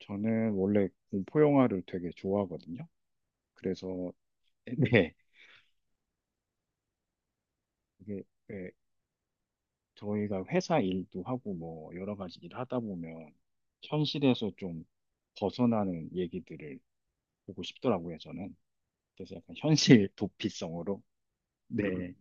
저는 원래 공포 영화를 되게 좋아하거든요. 그래서 네, 이게 네, 저희가 회사 일도 하고 뭐 여러 가지 일 하다 보면 현실에서 좀 벗어나는 얘기들을 보고 싶더라고요, 저는. 그래서 약간 현실 도피성으로. 네,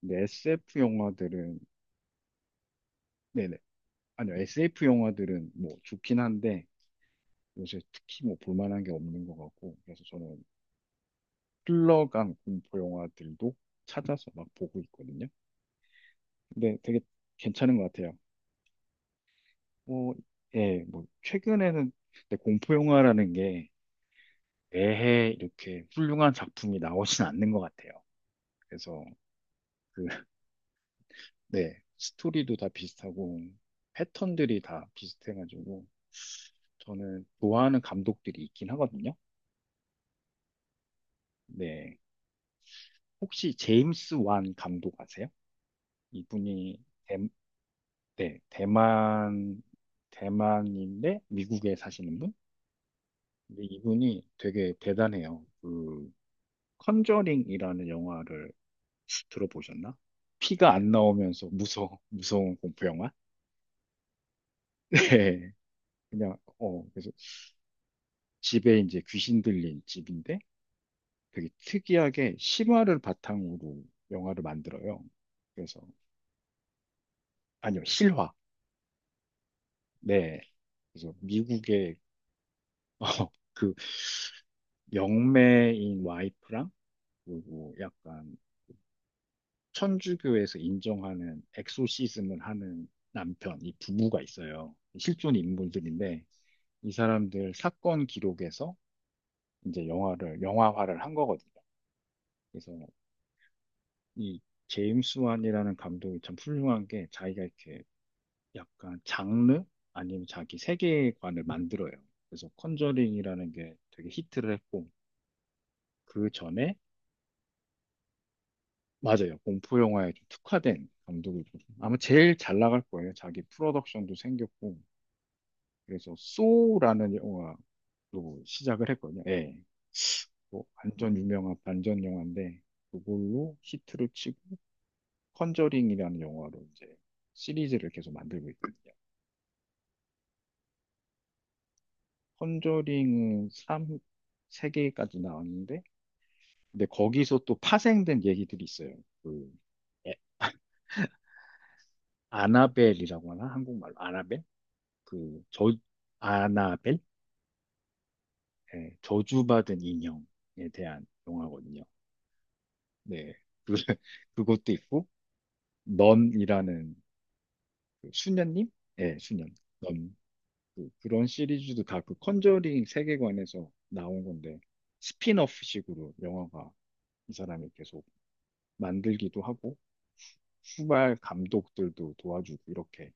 근데 SF 영화들은, 네네. 아니요, SF 영화들은 뭐 좋긴 한데 요새 특히 뭐 볼만한 게 없는 것 같고, 그래서 저는 흘러간 공포 영화들도 찾아서 막 보고 있거든요. 근데 되게 괜찮은 것 같아요. 뭐, 예, 뭐, 최근에는, 근데 공포 영화라는 게 매해 이렇게 훌륭한 작품이 나오진 않는 것 같아요. 그래서, 그, 네, 스토리도 다 비슷하고, 패턴들이 다 비슷해가지고, 저는 좋아하는 감독들이 있긴 하거든요. 네, 혹시 제임스 완 감독 아세요? 이분이, 대, 네, 대만, 대만인데 미국에 사시는 분? 근데 이분이 되게 대단해요. 그, 컨저링이라는 영화를 들어보셨나? 피가 안 나오면서 무서운 공포 영화? 네. 그냥, 어, 그래서 집에 이제 귀신 들린 집인데 되게 특이하게 실화를 바탕으로 영화를 만들어요. 그래서, 아니요, 실화. 네. 그래서 미국의 그 영매인 와이프랑 그리고 약간 천주교에서 인정하는 엑소시즘을 하는 남편, 이 부부가 있어요. 실존 인물들인데 이 사람들 사건 기록에서 이제 영화화를 한 거거든요. 그래서 이 제임스 완이라는 감독이 참 훌륭한 게 자기가 이렇게 약간 장르? 아니면 자기 세계관을 만들어요. 그래서 컨저링이라는 게 되게 히트를 했고, 그 전에, 맞아요. 공포 영화에 좀 특화된 감독이고, 아마 제일 잘 나갈 거예요. 자기 프로덕션도 생겼고, 그래서 소라는 영화로 시작을 했거든요. 예. 뭐 완전 유명한 반전 영화인데 그걸로 히트를 치고 컨저링이라는 영화로 이제 시리즈를 계속 만들고 있거든요. 컨저링은 세, 개까지 나왔는데, 근데 거기서 또 파생된 얘기들이 있어요. 그 에- 아나벨이라고 하나? 한국말로 아나벨? 그 저 아나벨? 예, 저주받은 인형에 대한 영화거든요. 네. 그, 그것도 있고 넌이라는 그 수녀님? 예, 수녀. 넌. 그런 시리즈도 다 그 컨저링 세계관에서 나온 건데 스핀오프식으로 영화가 이 사람이 계속 만들기도 하고 후발 감독들도 도와주고 이렇게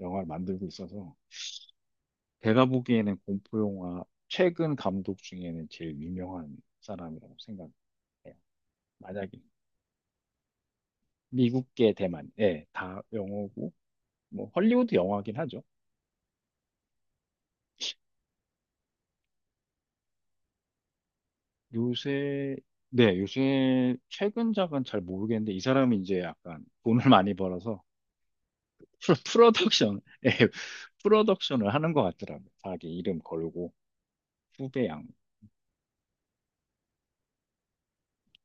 영화를 만들고 있어서, 제가 보기에는 공포 영화 최근 감독 중에는 제일 유명한 사람이라고 생각해요. 만약에 미국계 대만, 예, 다 영어고 뭐 헐리우드 영화긴 하죠. 요새, 네, 요새 최근작은 잘 모르겠는데, 이 사람이 이제 약간 돈을 많이 벌어서 프로덕션, 예, 프로덕션을 하는 것 같더라고요. 자기 이름 걸고, 후배양.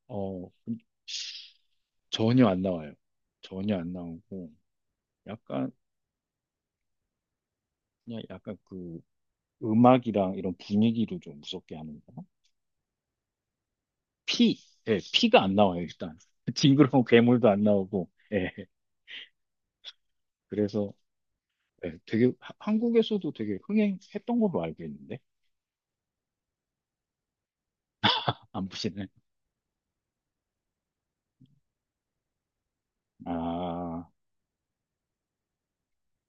어, 전혀 안 나와요. 전혀 안 나오고, 약간, 그냥 약간 그 음악이랑 이런 분위기로 좀 무섭게 하는 거. 피, 예, 피가 안 나와요, 일단. 징그러운 괴물도 안 나오고, 예, 그래서, 예, 되게, 한국에서도 되게 흥행했던 걸로 알고 있는데, 안 보시네. 아,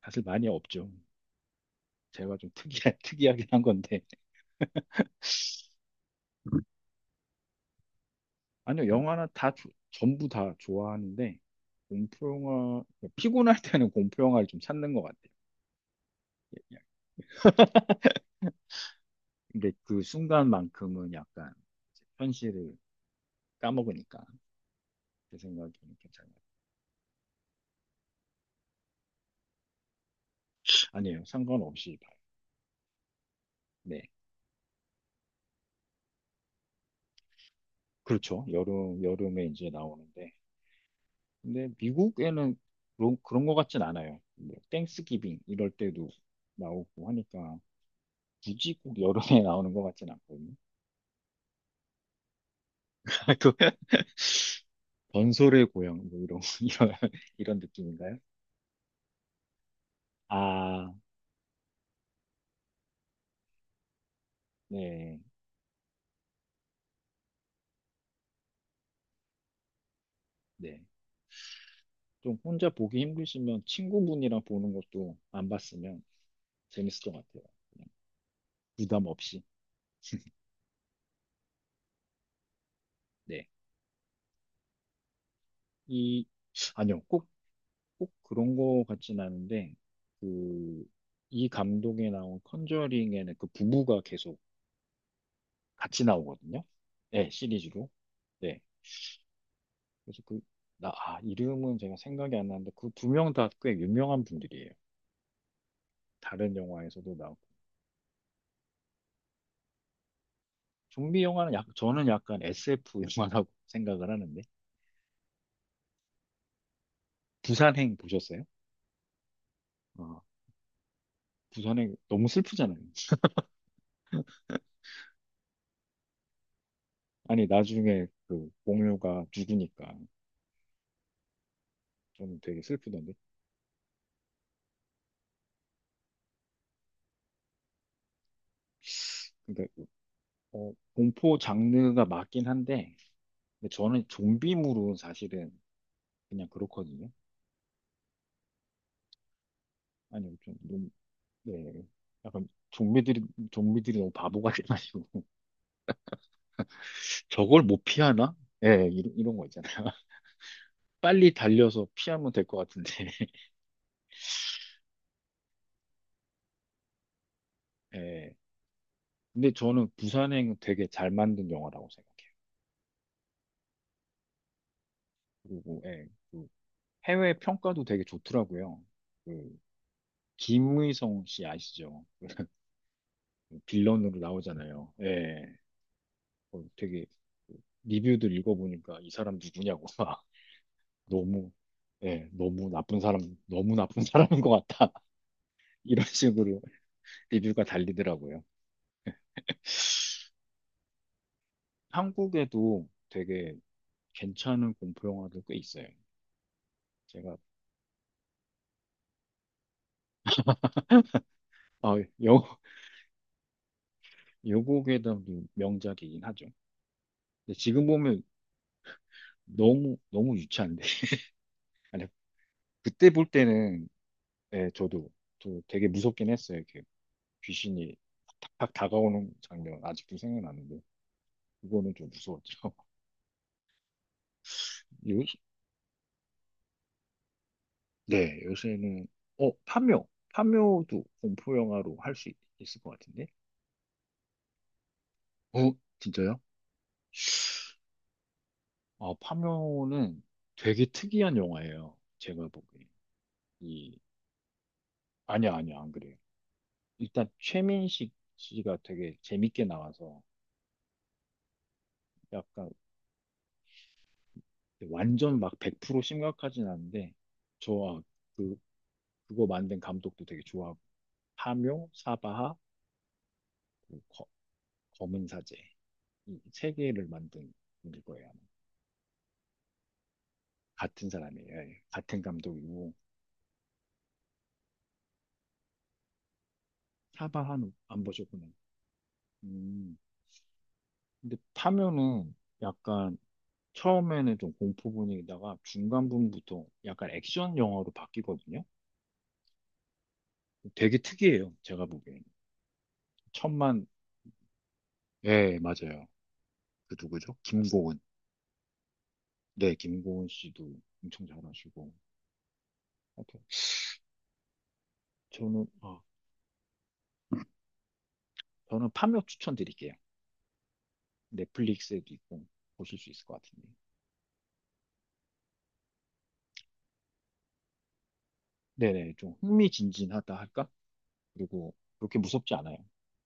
사실 많이 없죠. 제가 좀 특이하긴 한 건데. 아니요, 영화는 다, 전부 다 좋아하는데, 공포영화, 피곤할 때는 공포영화를 좀 찾는 것 같아요. 예, 예. 근데 그 순간만큼은 약간 이제 현실을 까먹으니까, 제 생각에는 괜찮아요. 아니에요, 상관없이 봐요. 네. 그렇죠. 여름에 이제 나오는데, 근데 미국에는 그런 것 같진 않아요. 뭐 땡스기빙 이럴 때도 나오고 하니까. 굳이 꼭 여름에 나오는 것 같진 않거든요. 그 전설의 고향, 뭐 이런, 이런, 이런 느낌인가요? 아, 네, 네. 좀 혼자 보기 힘드시면 친구분이랑 보는 것도 안 봤으면 재밌을 것 같아요. 그냥 부담 없이. 네. 이, 아니요, 꼭, 꼭 그런 거 같진 않은데, 그, 이 감독에 나온 컨저링에는 그 부부가 계속 같이 나오거든요. 네, 시리즈로. 네. 그래서 그, 나, 아, 이름은 제가 생각이 안 나는데 그 2명 다 꽤 유명한 분들이에요. 다른 영화에서도 나오고. 좀비 영화는 약, 저는 약간 SF 영화라고 생각을 하는데. 부산행 보셨어요? 어, 부산행 너무 슬프잖아요. 아니, 나중에 그 공유가 죽으니까 좀 되게 슬프던데. 그러니까, 어, 공포 장르가 맞긴 한데, 근데 저는 좀비물은 사실은 그냥 그렇거든요. 아니, 좀, 너무, 네. 약간 좀비들이 너무 바보 같아가지고. 저걸 못 피하나? 예, 이런, 거 있잖아요. 빨리 달려서 피하면 될 것 같은데. 예. 근데 저는 부산행 되게 잘 만든 영화라고 생각해요. 그리고 예, 그 해외 평가도 되게 좋더라고요. 그 김의성 씨 아시죠? 그 빌런으로 나오잖아요. 예. 어, 되게 그 리뷰들 읽어보니까 이 사람 누구냐고 막 너무 예, 너무 나쁜 사람, 너무 나쁜 사람인 것 같다. 이런 식으로 리뷰가 달리더라고요. 한국에도 되게 괜찮은 공포 영화들 꽤 있어요. 제가 아, 여, 여고에 담도 명작이긴 하죠. 근데 지금 보면 너무 너무 유치한데. 아니 그때 볼 때는 예, 저도 또 되게 무섭긴 했어요. 이렇게 귀신이 탁탁 다가오는 장면 아직도 생각나는데 이거는 좀 무서웠죠. 요, 네, 요새는 어 파묘도 공포 영화로 할 수 있을 것 같은데. 어 진짜요? 아 파묘는 되게 특이한 영화예요. 제가 보기에. 이 아니야, 아니야, 안 그래. 일단 최민식 씨가 되게 재밌게 나와서 약간 완전 막 100% 심각하진 않은데 저 아, 그, 그거 만든 감독도 되게 좋아하고 파묘, 사바하, 그 거, 검은 사제 이 세 개를 만든 분일 거예요. 아마. 같은 사람이에요. 예, 같은 감독이고 사바하는 안 보셨구나. 음, 근데 파묘는 약간 처음에는 좀 공포 분위기다가 중간 부분부터 약간 액션 영화로 바뀌거든요. 되게 특이해요. 제가 보기엔. 천만, 예, 맞아요. 그 누구죠? 김고은. 네, 김고은 씨도 엄청 잘하시고. 하여튼 저는, 어, 저는 파묘 추천드릴게요. 넷플릭스에도 있고, 보실 수 있을 것 같은데. 네네, 좀 흥미진진하다 할까? 그리고 그렇게 무섭지 않아요.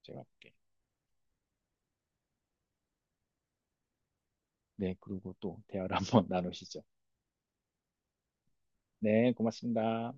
제가 볼게. 네, 그리고 또 대화를 한번 나누시죠. 네, 고맙습니다.